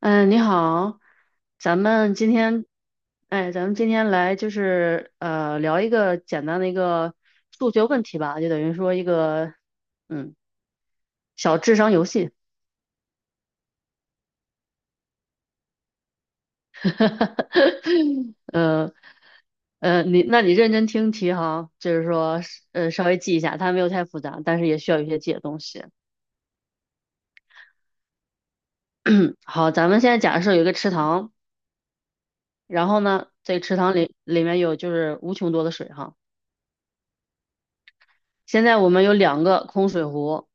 嗯，你好，咱们今天，哎，咱们今天来就是聊一个简单的一个数学问题吧，就等于说一个嗯小智商游戏。呃你那你认真听题哈，就是说稍微记一下，它没有太复杂，但是也需要有一些记的东西。好，咱们现在假设有一个池塘，然后呢，这个池塘里面有就是无穷多的水哈。现在我们有两个空水壶，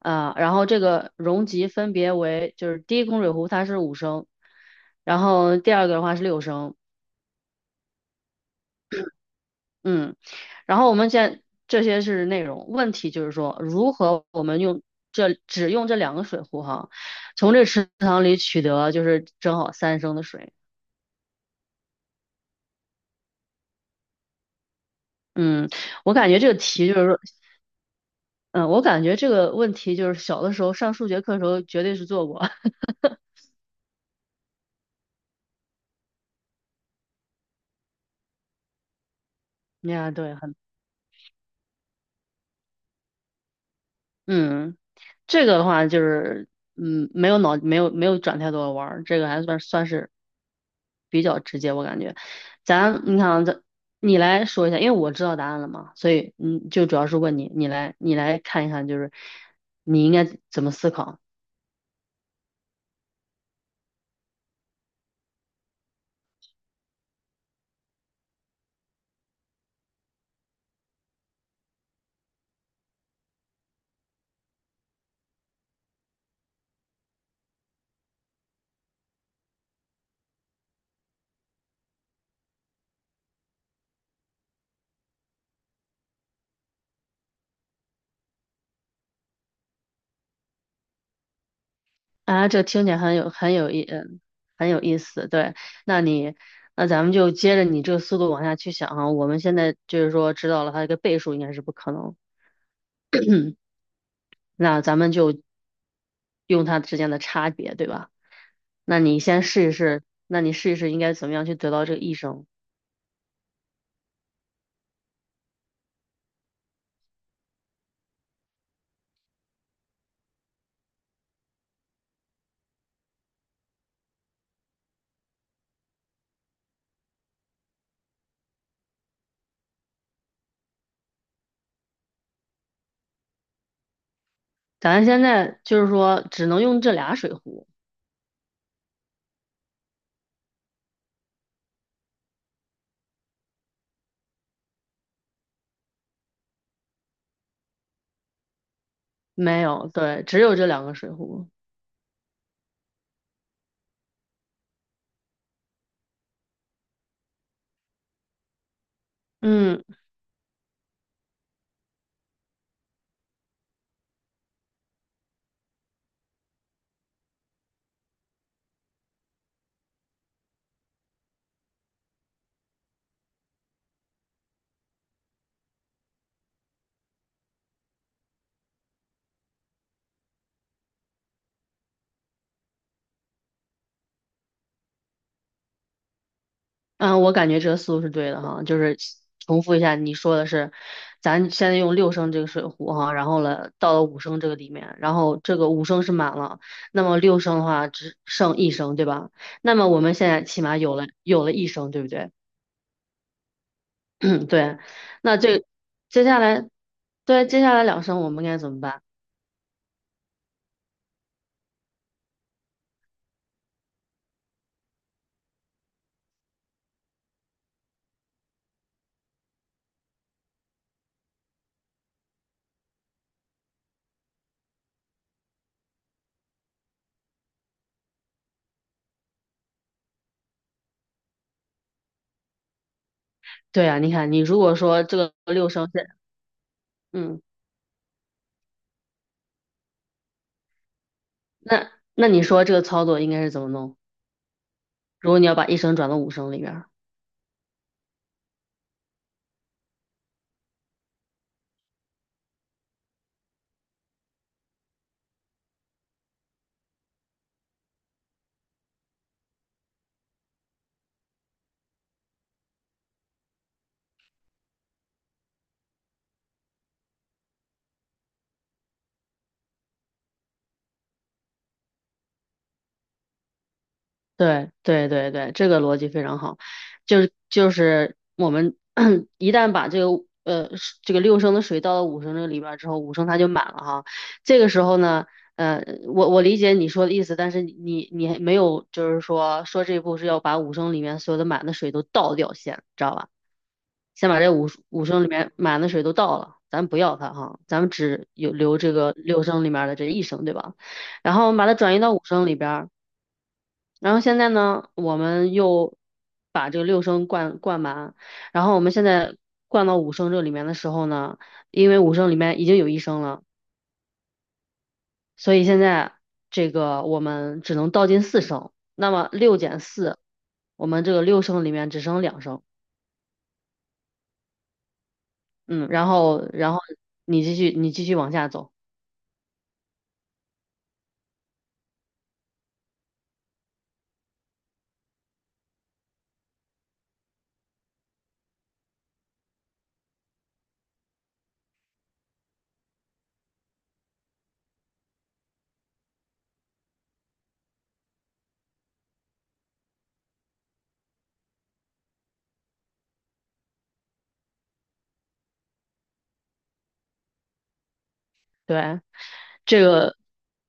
啊、然后这个容积分别为，就是第一供水壶它是五升，然后第二个的话是六升，嗯，然后我们现在这些是内容，问题就是说如何我们用只用这两个水壶哈，从这池塘里取得就是正好三升的水，嗯，我感觉这个题就是说，嗯，我感觉这个问题就是小的时候上数学课的时候绝对是做过，呀，对，很，嗯。这个的话就是，嗯，没有脑，没有没有转太多的弯儿，这个还算是比较直接，我感觉。你看啊,你来说一下，因为我知道答案了嘛，所以嗯，就主要是问你，你来看一看，就是你应该怎么思考？啊？这听起来很有很有意，嗯，很有意思。对，那你那咱们就接着你这个速度往下去想啊。我们现在就是说知道了它这个倍数应该是不可能，那咱们就用它之间的差别，对吧？那你先试一试，那你试一试应该怎么样去得到这个益生？咱现在就是说只能用这俩水壶，没有，对，只有这两个水壶。嗯嗯，我感觉这个思路是对的哈，就是重复一下你说的是，咱现在用六升这个水壶哈，然后了到了五升这个里面，然后这个五升是满了，那么六升的话只剩一升，对吧？那么我们现在起码有了一升，对不对？嗯，对，那这接下来，对，接下来两声我们该怎么办？对啊，你看，你如果说这个六声是，嗯，那那你说这个操作应该是怎么弄？如果你要把一声转到五声里边儿。对对对对，这个逻辑非常好，就是我们 一旦把这个是这个六升的水倒到五升这个里边儿之后，五升它就满了哈。这个时候呢，呃，我理解你说的意思，但是你还没有就是说这一步是要把五升里面所有的满的水都倒掉先，知道吧？先把这五升里面满的水都倒了，咱不要它哈，咱们只有留这个六升里面的这一升，对吧？然后我们把它转移到五升里边儿。然后现在呢，我们又把这个六升灌满，然后我们现在灌到五升这里面的时候呢，因为五升里面已经有一升了，所以现在这个我们只能倒进四升。那么六减四，我们这个六升里面只剩两升。嗯，然后你继续往下走，对，这个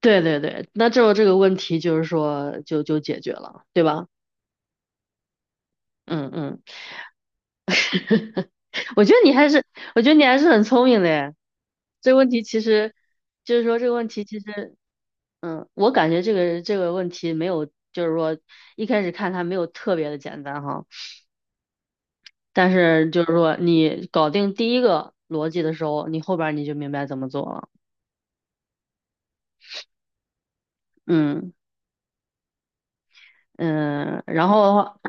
对对对，那这个问题就是说就解决了，对吧？嗯嗯。我觉得你还是，我觉得你还是很聪明的耶。这个问题其实，就是说这个问题其实，嗯，我感觉这个问题没有，就是说一开始看它没有特别的简单哈，但是就是说你搞定第一个逻辑的时候，你后边儿你就明白怎么做了。嗯嗯，然后的话，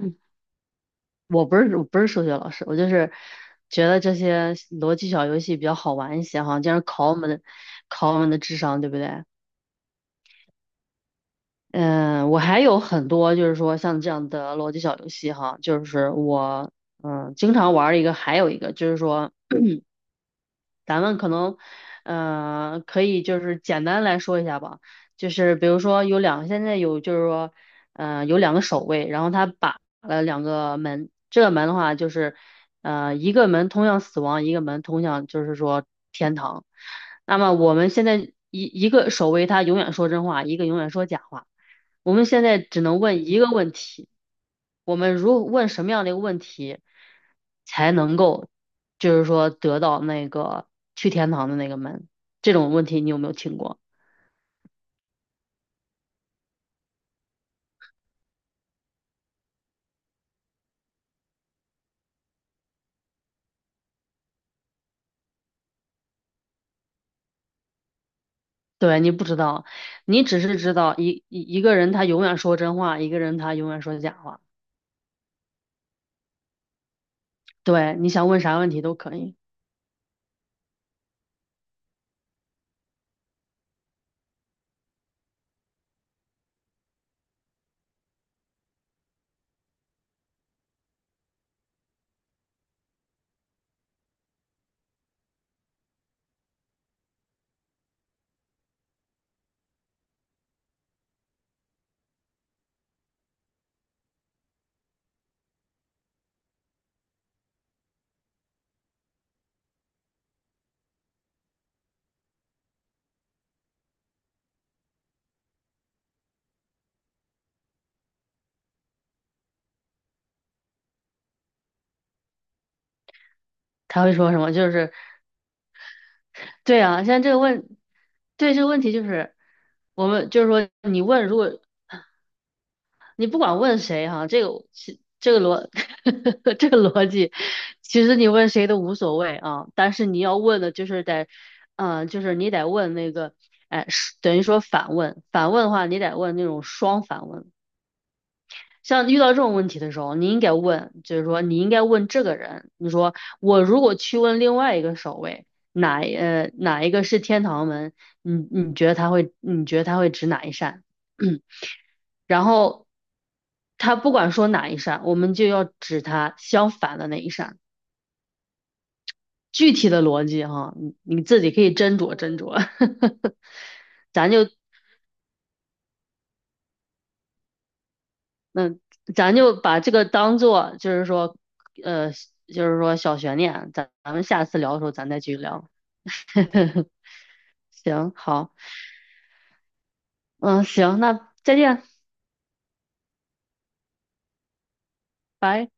我不是数学老师，我就是觉得这些逻辑小游戏比较好玩一些哈，这样考我们的智商，对不对？嗯，我还有很多，就是说像这样的逻辑小游戏哈，就是我经常玩儿一个，还有一个就是说咱们可能，可以就是简单来说一下吧，就是比如说有两，现在有就是说，有两个守卫，然后他把了两个门，这个门的话就是，一个门通向死亡，一个门通向就是说天堂。那么我们现在一个守卫他永远说真话，一个永远说假话，我们现在只能问一个问题，我们如问什么样的一个问题？才能够，就是说得到那个去天堂的那个门？这种问题你有没有听过？对，你不知道，你只是知道一个人他永远说真话，一个人他永远说假话。对，你想问啥问题都可以。他会说什么？就是，对啊，现在这个问，对这个问题就是，我们就是说，你问，如果你不管问谁哈、这个其这个逻 这个逻辑，其实你问谁都无所谓啊。但是你要问的就是得，嗯、就是你得问那个，哎，是等于说反问，反问的话，你得问那种双反问。像遇到这种问题的时候，你应该问，就是说你应该问这个人，你说我如果去问另外一个守卫，哪一个是天堂门，你觉得他会指哪一扇？然后他不管说哪一扇，我们就要指他相反的那一扇。具体的逻辑哈，你你自己可以斟酌斟酌。咱就嗯，咱就把这个当做就是说，呃，就是说小悬念，咱们下次聊的时候咱再继续聊。行，好，嗯，行，那再见，拜。